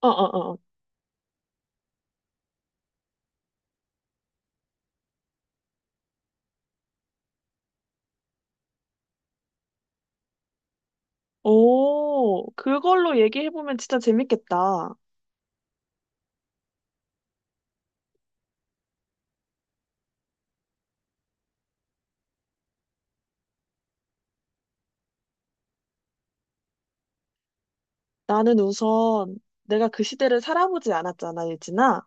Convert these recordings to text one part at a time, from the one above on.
어, 어, 어. 오, 그걸로 얘기해보면 진짜 재밌겠다. 나는 우선 내가 그 시대를 살아보지 않았잖아, 예진아.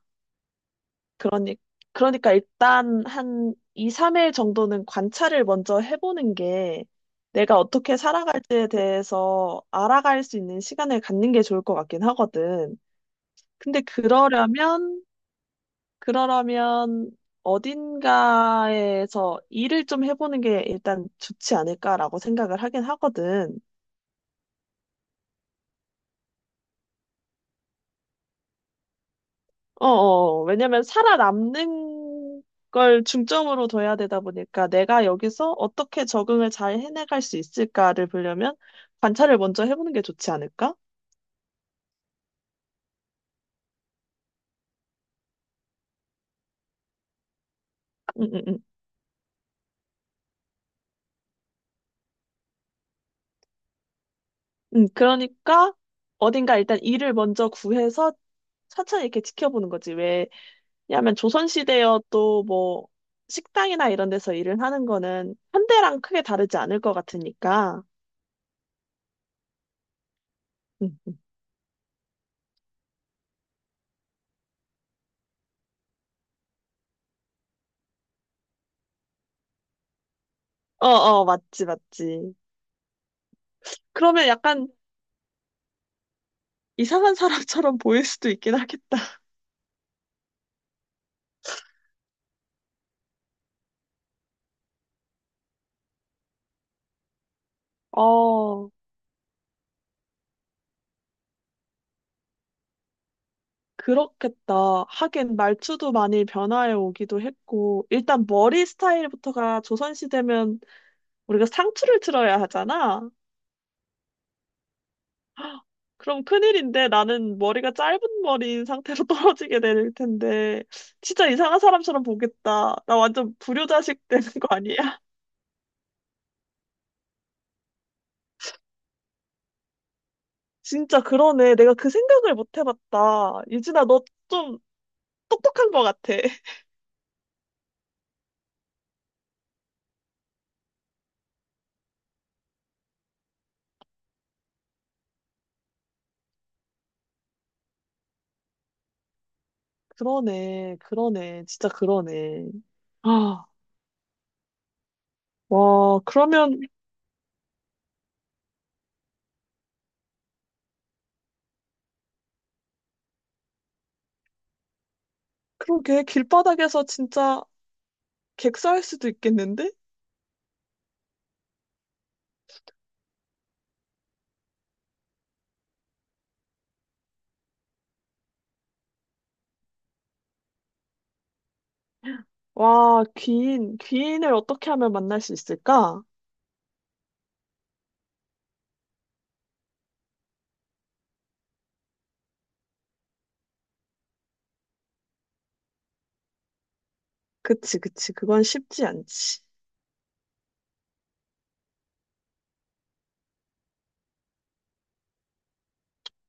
그러니, 그러니까 일단 한 2, 3일 정도는 관찰을 먼저 해보는 게 내가 어떻게 살아갈지에 대해서 알아갈 수 있는 시간을 갖는 게 좋을 것 같긴 하거든. 근데 그러려면 어딘가에서 일을 좀 해보는 게 일단 좋지 않을까라고 생각을 하긴 하거든. 왜냐면 살아남는 걸 중점으로 둬야 되다 보니까 내가 여기서 어떻게 적응을 잘 해내갈 수 있을까를 보려면 관찰을 먼저 해보는 게 좋지 않을까? 음, 음, 음. 그러니까 어딘가 일단 일을 먼저 구해서 차차 이렇게 지켜보는 거지. 왜냐하면 조선시대여도 뭐 식당이나 이런 데서 일을 하는 거는 현대랑 크게 다르지 않을 것 같으니까. 음. 어, 어, 맞지, 맞지. 그러면 약간 이상한 사람처럼 보일 수도 있긴 하겠다. 어, 그렇겠다. 하긴 말투도 많이 변화해 오기도 했고, 일단 머리 스타일부터가 조선시대면 우리가 상투를 틀어야 하잖아. 그럼 큰일인데 나는 머리가 짧은 머리인 상태로 떨어지게 될 텐데, 진짜 이상한 사람처럼 보겠다. 나 완전 불효자식 되는 거 아니야? 진짜 그러네. 내가 그 생각을 못 해봤다. 유진아, 너 좀 똑똑한 거 같아. 그러네, 그러네, 진짜 그러네. 아, 와, 그러면, 그러게, 길바닥에서 진짜 객사할 수도 있겠는데? 와, 귀인, 귀인을 어떻게 하면 만날 수 있을까? 그치, 그치, 그건 쉽지 않지.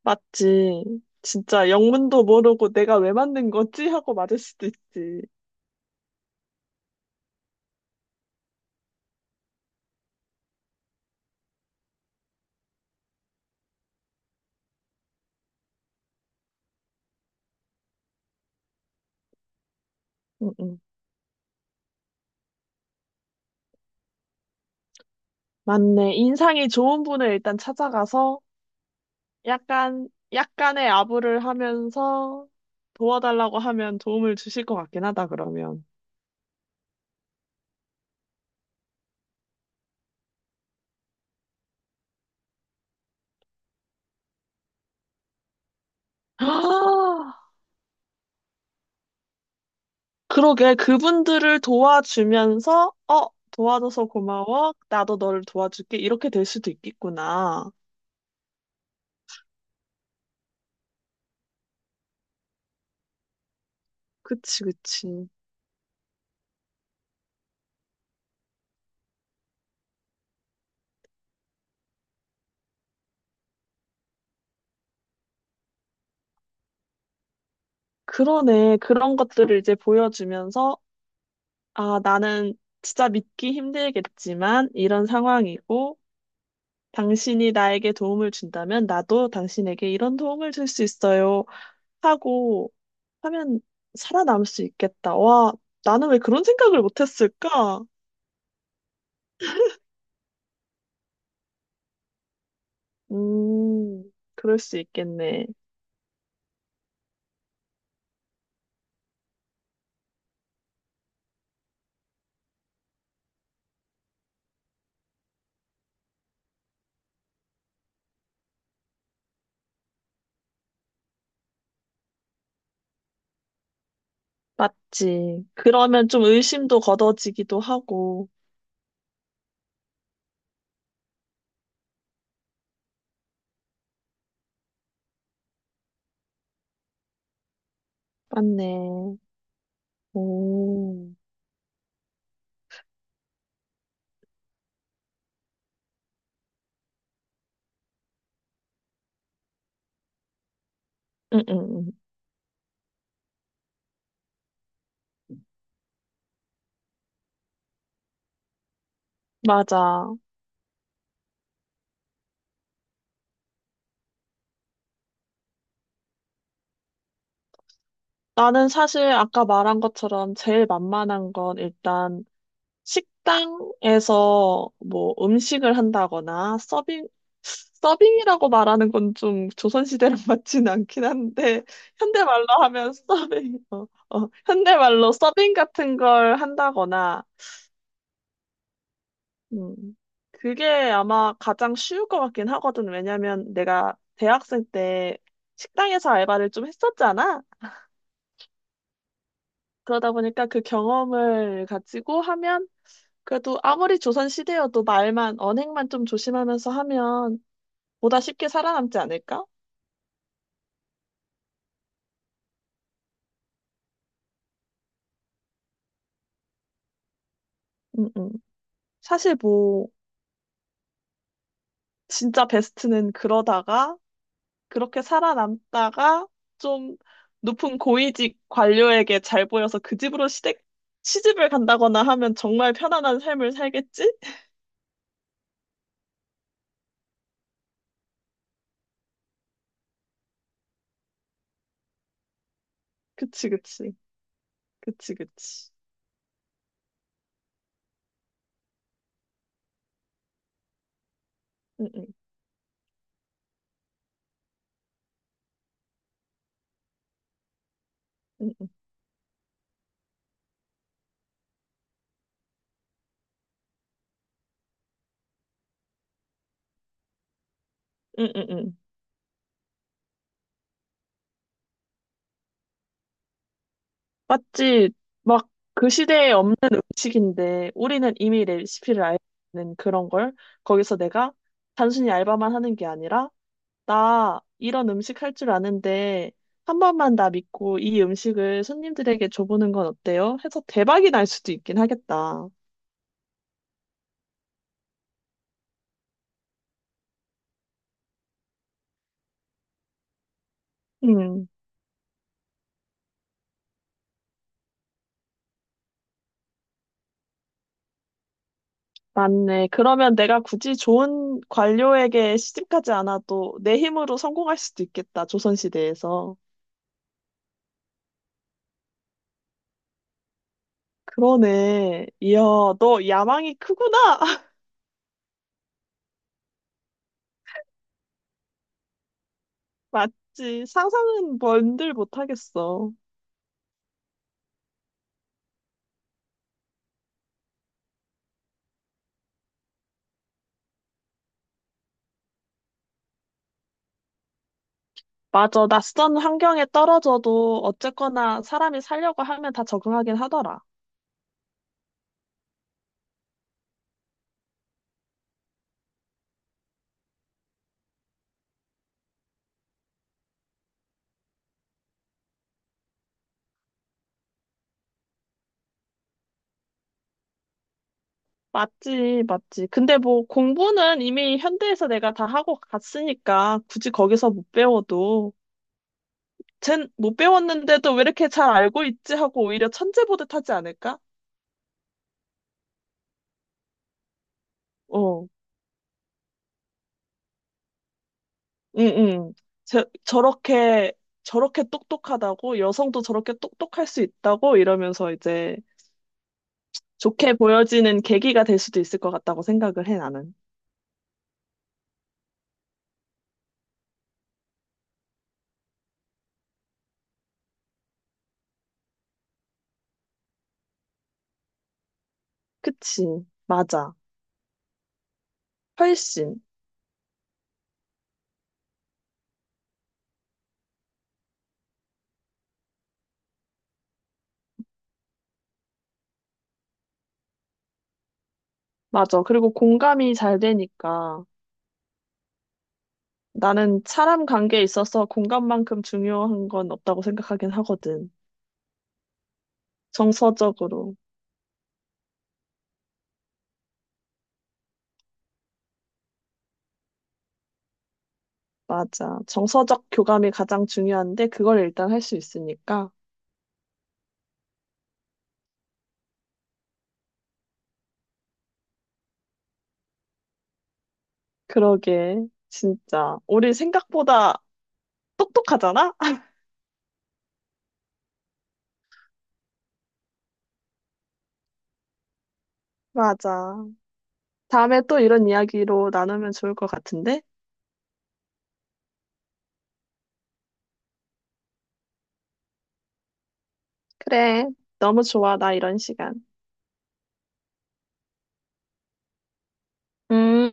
맞지. 진짜 영문도 모르고 내가 왜 만든 거지? 하고 맞을 수도 있지. 응, 응. 맞네. 인상이 좋은 분을 일단 찾아가서 약간, 약간의 아부를 하면서 도와달라고 하면 도움을 주실 것 같긴 하다, 그러면. 그러게, 그분들을 도와주면서 어 도와줘서 고마워, 나도 너를 도와줄게 이렇게 될 수도 있겠구나. 그치, 그치. 그러네, 그런 것들을 이제 보여주면서 아, 나는 진짜 믿기 힘들겠지만 이런 상황이고 당신이 나에게 도움을 준다면 나도 당신에게 이런 도움을 줄 수 있어요 하고 하면 살아남을 수 있겠다. 와, 나는 왜 그런 생각을 못했을까. 음, 그럴 수 있겠네. 맞지. 그러면 좀 의심도 걷어지기도 하고. 맞네. 오. 응응응. 맞아. 나는 사실 아까 말한 것처럼 제일 만만한 건 일단 식당에서 뭐 음식을 한다거나 서빙, 서빙이라고 말하는 건 좀 조선시대랑 맞진 않긴 한데, 현대말로 하면 서빙, 어, 어, 현대말로 서빙 같은 걸 한다거나 음. 그게 아마 가장 쉬울 것 같긴 하거든. 왜냐면 내가 대학생 때 식당에서 알바를 좀 했었잖아. 그러다 보니까 그 경험을 가지고 하면 그래도 아무리 조선 시대여도 말만, 언행만 좀 조심하면서 하면 보다 쉽게 살아남지 않을까? 음, 음. 사실 뭐, 진짜 베스트는 그러다가 그렇게 살아남다가 좀 높은 고위직 관료에게 잘 보여서 그 집으로 시집을 간다거나 하면 정말 편안한 삶을 살겠지? 그치, 그치. 그치, 그치. 응, 응, 응, 응, 응. 응. 맞지? 막 그 시대에 없는 음식인데 우리는 이미 레시피를 알는 그런 걸 거기서 내가 단순히 알바만 하는 게 아니라 나 이런 음식 할 줄 아는데 한 번만 나 믿고 이 음식을 손님들에게 줘보는 건 어때요? 해서 대박이 날 수도 있긴 하겠다. 음, 맞네. 그러면 내가 굳이 좋은 관료에게 시집가지 않아도 내 힘으로 성공할 수도 있겠다. 조선시대에서. 그러네. 이야, 너 야망이 크구나. 맞지. 상상은 뭔들 못하겠어. 맞아. 낯선 환경에 떨어져도 어쨌거나 사람이 살려고 하면 다 적응하긴 하더라. 맞지, 맞지. 근데 뭐 공부는 이미 현대에서 내가 다 하고 갔으니까 굳이 거기서 못 배워도 쟨 못 배웠는데도 왜 이렇게 잘 알고 있지 하고 오히려 천재 보듯 하지 않을까? 어, 응, 응. 저렇게 똑똑하다고 여성도 저렇게 똑똑할 수 있다고 이러면서 이제 좋게 보여지는 계기가 될 수도 있을 것 같다고 생각을 해 나는. 그치, 맞아. 훨씬 맞아. 그리고 공감이 잘 되니까. 나는 사람 관계에 있어서 공간만큼 중요한 건 없다고 생각하긴 하거든. 정서적으로. 맞아. 정서적 교감이 가장 중요한데 그걸 일단 할 수 있으니까. 그러게. 진짜. 우리 생각보다 똑똑하잖아? 맞아. 다음에 또 이런 이야기로 나누면 좋을 것 같은데? 그래. 너무 좋아. 나 이런 시간. 음.